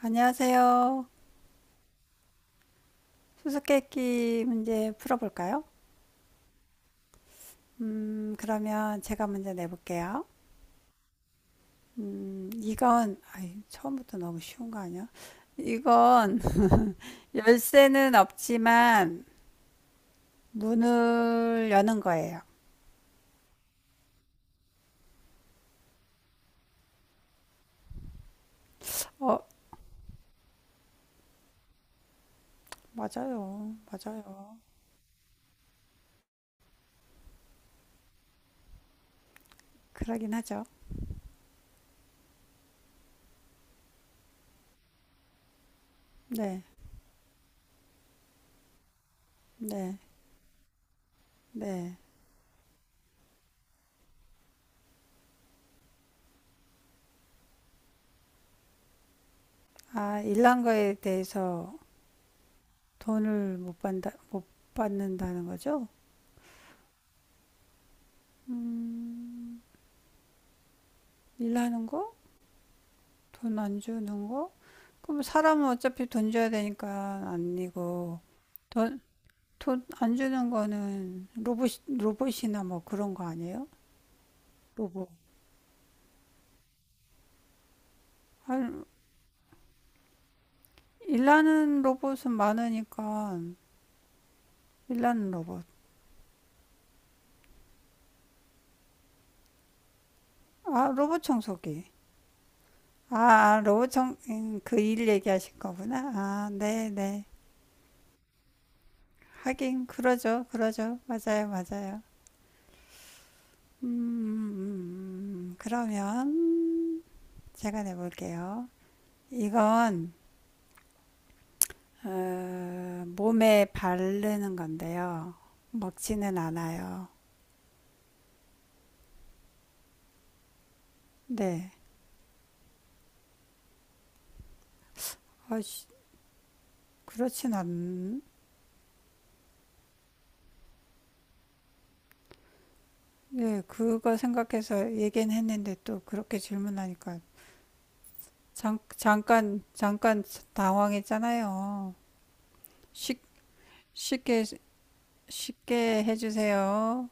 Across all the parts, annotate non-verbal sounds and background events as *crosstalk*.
안녕하세요. 수수께끼 문제 풀어볼까요? 그러면 제가 먼저 내볼게요. 이건, 아이, 처음부터 너무 쉬운 거 아니야? 이건 열쇠는 없지만 문을 여는 거예요. 어, 맞아요. 맞아요. 그러긴 하죠. 네, 네, 네. 아, 일한 거에 대해서 돈을 못 받는다, 못 받는다는 거죠? 일하는 거? 돈 안 주는 거? 그럼 사람은 어차피 돈 줘야 되니까 아니고 돈, 돈 안 주는 거는 로봇, 로봇이나 뭐 그런 거 아니에요? 로봇. 아, 일하는 로봇은 많으니까 일하는 로봇. 아, 로봇 청소기. 아, 아, 로봇 청, 그일 얘기하실 거구나. 아, 네, 네. 하긴 그러죠, 그러죠. 맞아요, 맞아요. 음. 그러면 제가 내볼게요. 이건 어, 몸에 바르는 건데요. 먹지는 않아요. 네. 아, 씨, 그렇진 않, 네, 그거 생각해서 얘기는 했는데 또 그렇게 질문하니까 잠, 잠깐, 잠깐 당황했잖아요. 쉽, 쉽게, 쉽게 해주세요.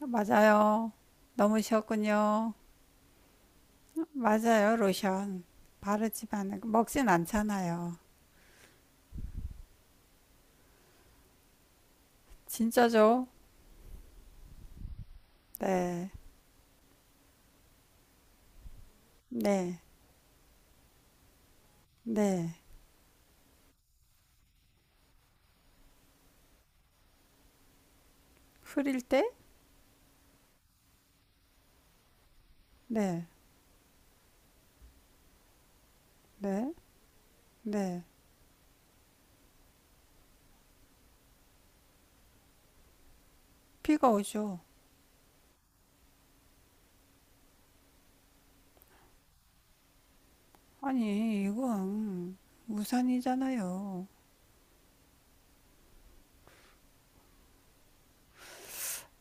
맞아요. 너무 쉬웠군요. 맞아요, 로션. 바르지만 먹진 않잖아요. 진짜죠? 네, 네, 네. 흐릴 때? 네, 네, 네. 비가 오죠. 아니, 이건 우산이잖아요.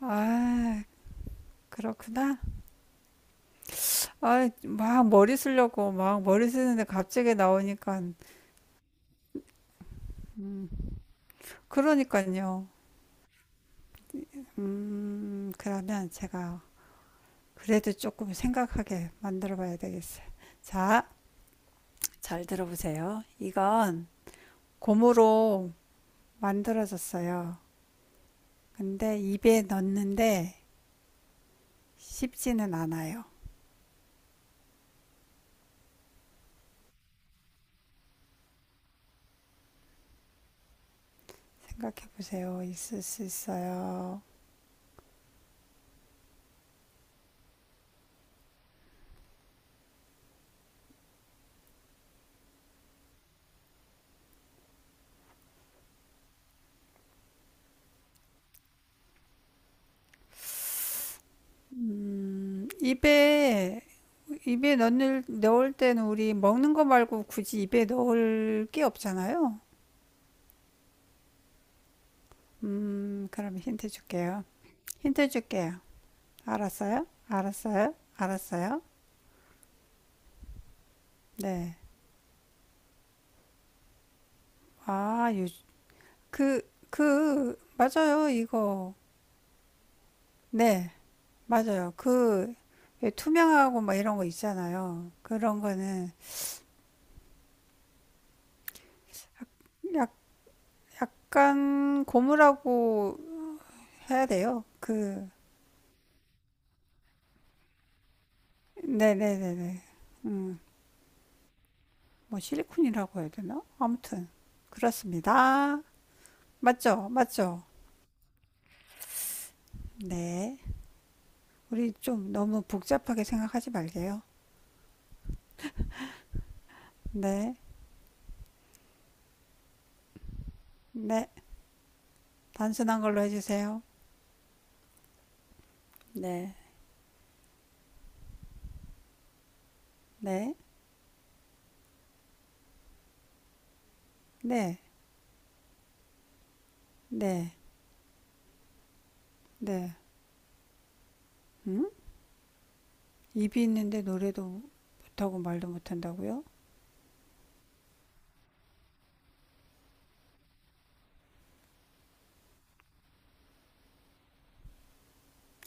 아, 그렇구나. 아, 막 머리 쓰려고 막 머리 쓰는데 갑자기 나오니까, 음, 그러니까요. 그러면 제가 그래도 조금 생각하게 만들어 봐야 되겠어요. 자, 잘 들어보세요. 이건 고무로 만들어졌어요. 근데 입에 넣는데 쉽지는 않아요. 생각해 보세요. 있을 수 있어요. 입에 입에 넣을 때는 우리 먹는 거 말고 굳이 입에 넣을 게 없잖아요. 그럼 힌트 줄게요. 힌트 줄게요. 알았어요? 알았어요? 알았어요? 네. 아, 요, 그, 그, 맞아요, 이거. 네, 맞아요. 그, 왜 투명하고 막 이런 거 있잖아요. 그런 거는 약, 약간 고무라고 해야 돼요. 그, 네네네네. 음, 뭐 실리콘이라고 해야 되나? 아무튼, 그렇습니다. 맞죠? 맞죠? 네. 우리 좀 너무 복잡하게 생각하지 말게요. 네. 네. 단순한 걸로 해주세요. 네. 네. 네. 네. 네. 음? 입이 있는데 노래도 못하고 말도 못한다고요?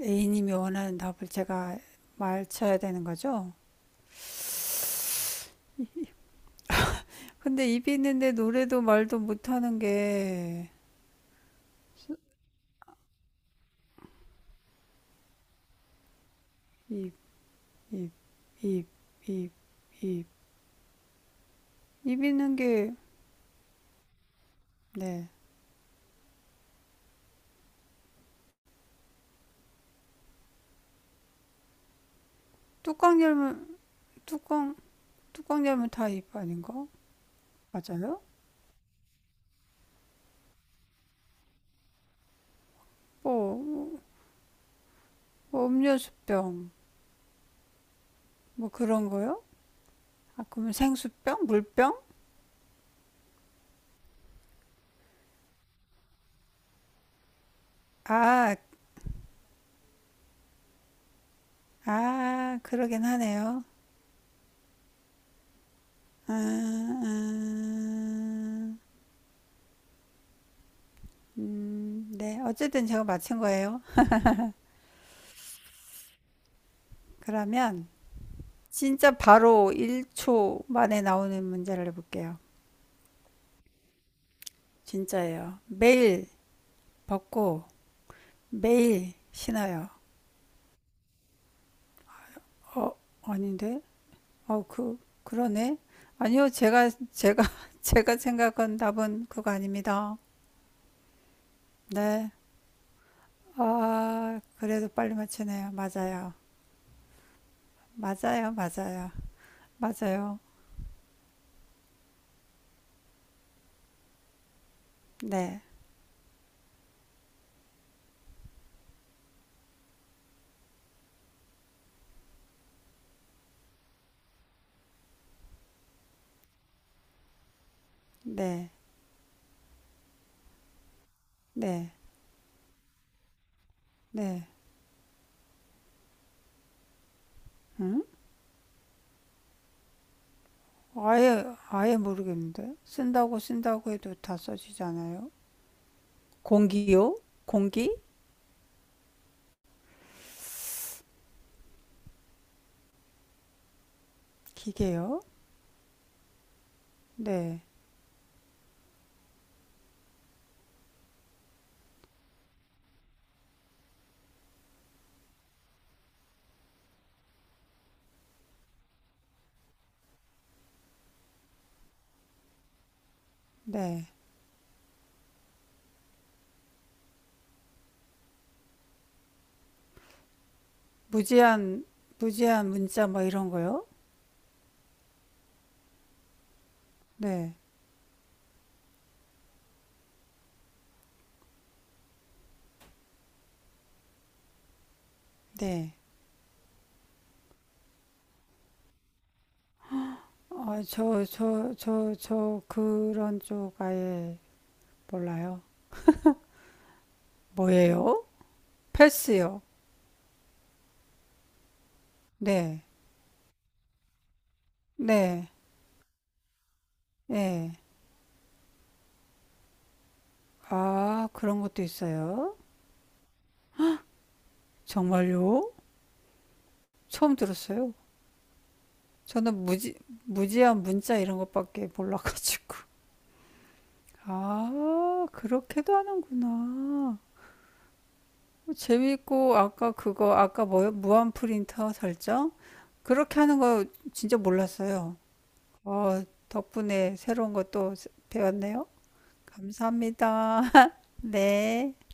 A님이 원하는 답을 제가 말쳐야 되는 거죠? 근데 입이 있는데 노래도 말도 못하는 게 입, 입, 입, 입, 입. 입 있는 게, 네. 뚜껑 열면, 뚜껑, 뚜껑 열면 다 입 아닌가? 맞아요? 뭐, 뭐, 뭐 음료수병, 뭐 그런 거요? 아, 그러면 생수병? 물병? 아, 아, 그러긴 하네요. 아, 아, 네. 어쨌든 제가 맞힌 거예요. 그러면, 진짜 바로 1초 만에 나오는 문제를 해볼게요. 진짜예요. 매일 벗고 매일 신어요. 어, 아닌데? 어, 그, 그러네? 아니요, 제가, 제가, *laughs* 제가 생각한 답은 그거 아닙니다. 네. 아, 그래도 빨리 맞추네요. 맞아요. 맞아요, 맞아요. 맞아요. 네, 네, 네, 네. 응? 아예, 아예 모르겠는데? 쓴다고 쓴다고 해도 다 써지잖아요. 공기요? 공기? 기계요? 네, 네. 무제한 무제한 문자 뭐 이런 거요? 네. 네. 아, 저, 저, 저, 저 그런 쪽 아예 몰라요. 뭐예요? 패스요. 네. 네. 네. 아, 그런 것도 있어요. 정말요? 처음 들었어요. 저는 무지, 무제한 문자 이런 것밖에 몰라가지고. 아, 그렇게도 하는구나. 재밌고 아까 그거 아까 뭐요? 무한 프린터 설정? 그렇게 하는 거 진짜 몰랐어요. 어, 덕분에 새로운 것도 배웠네요. 감사합니다. *laughs* 네.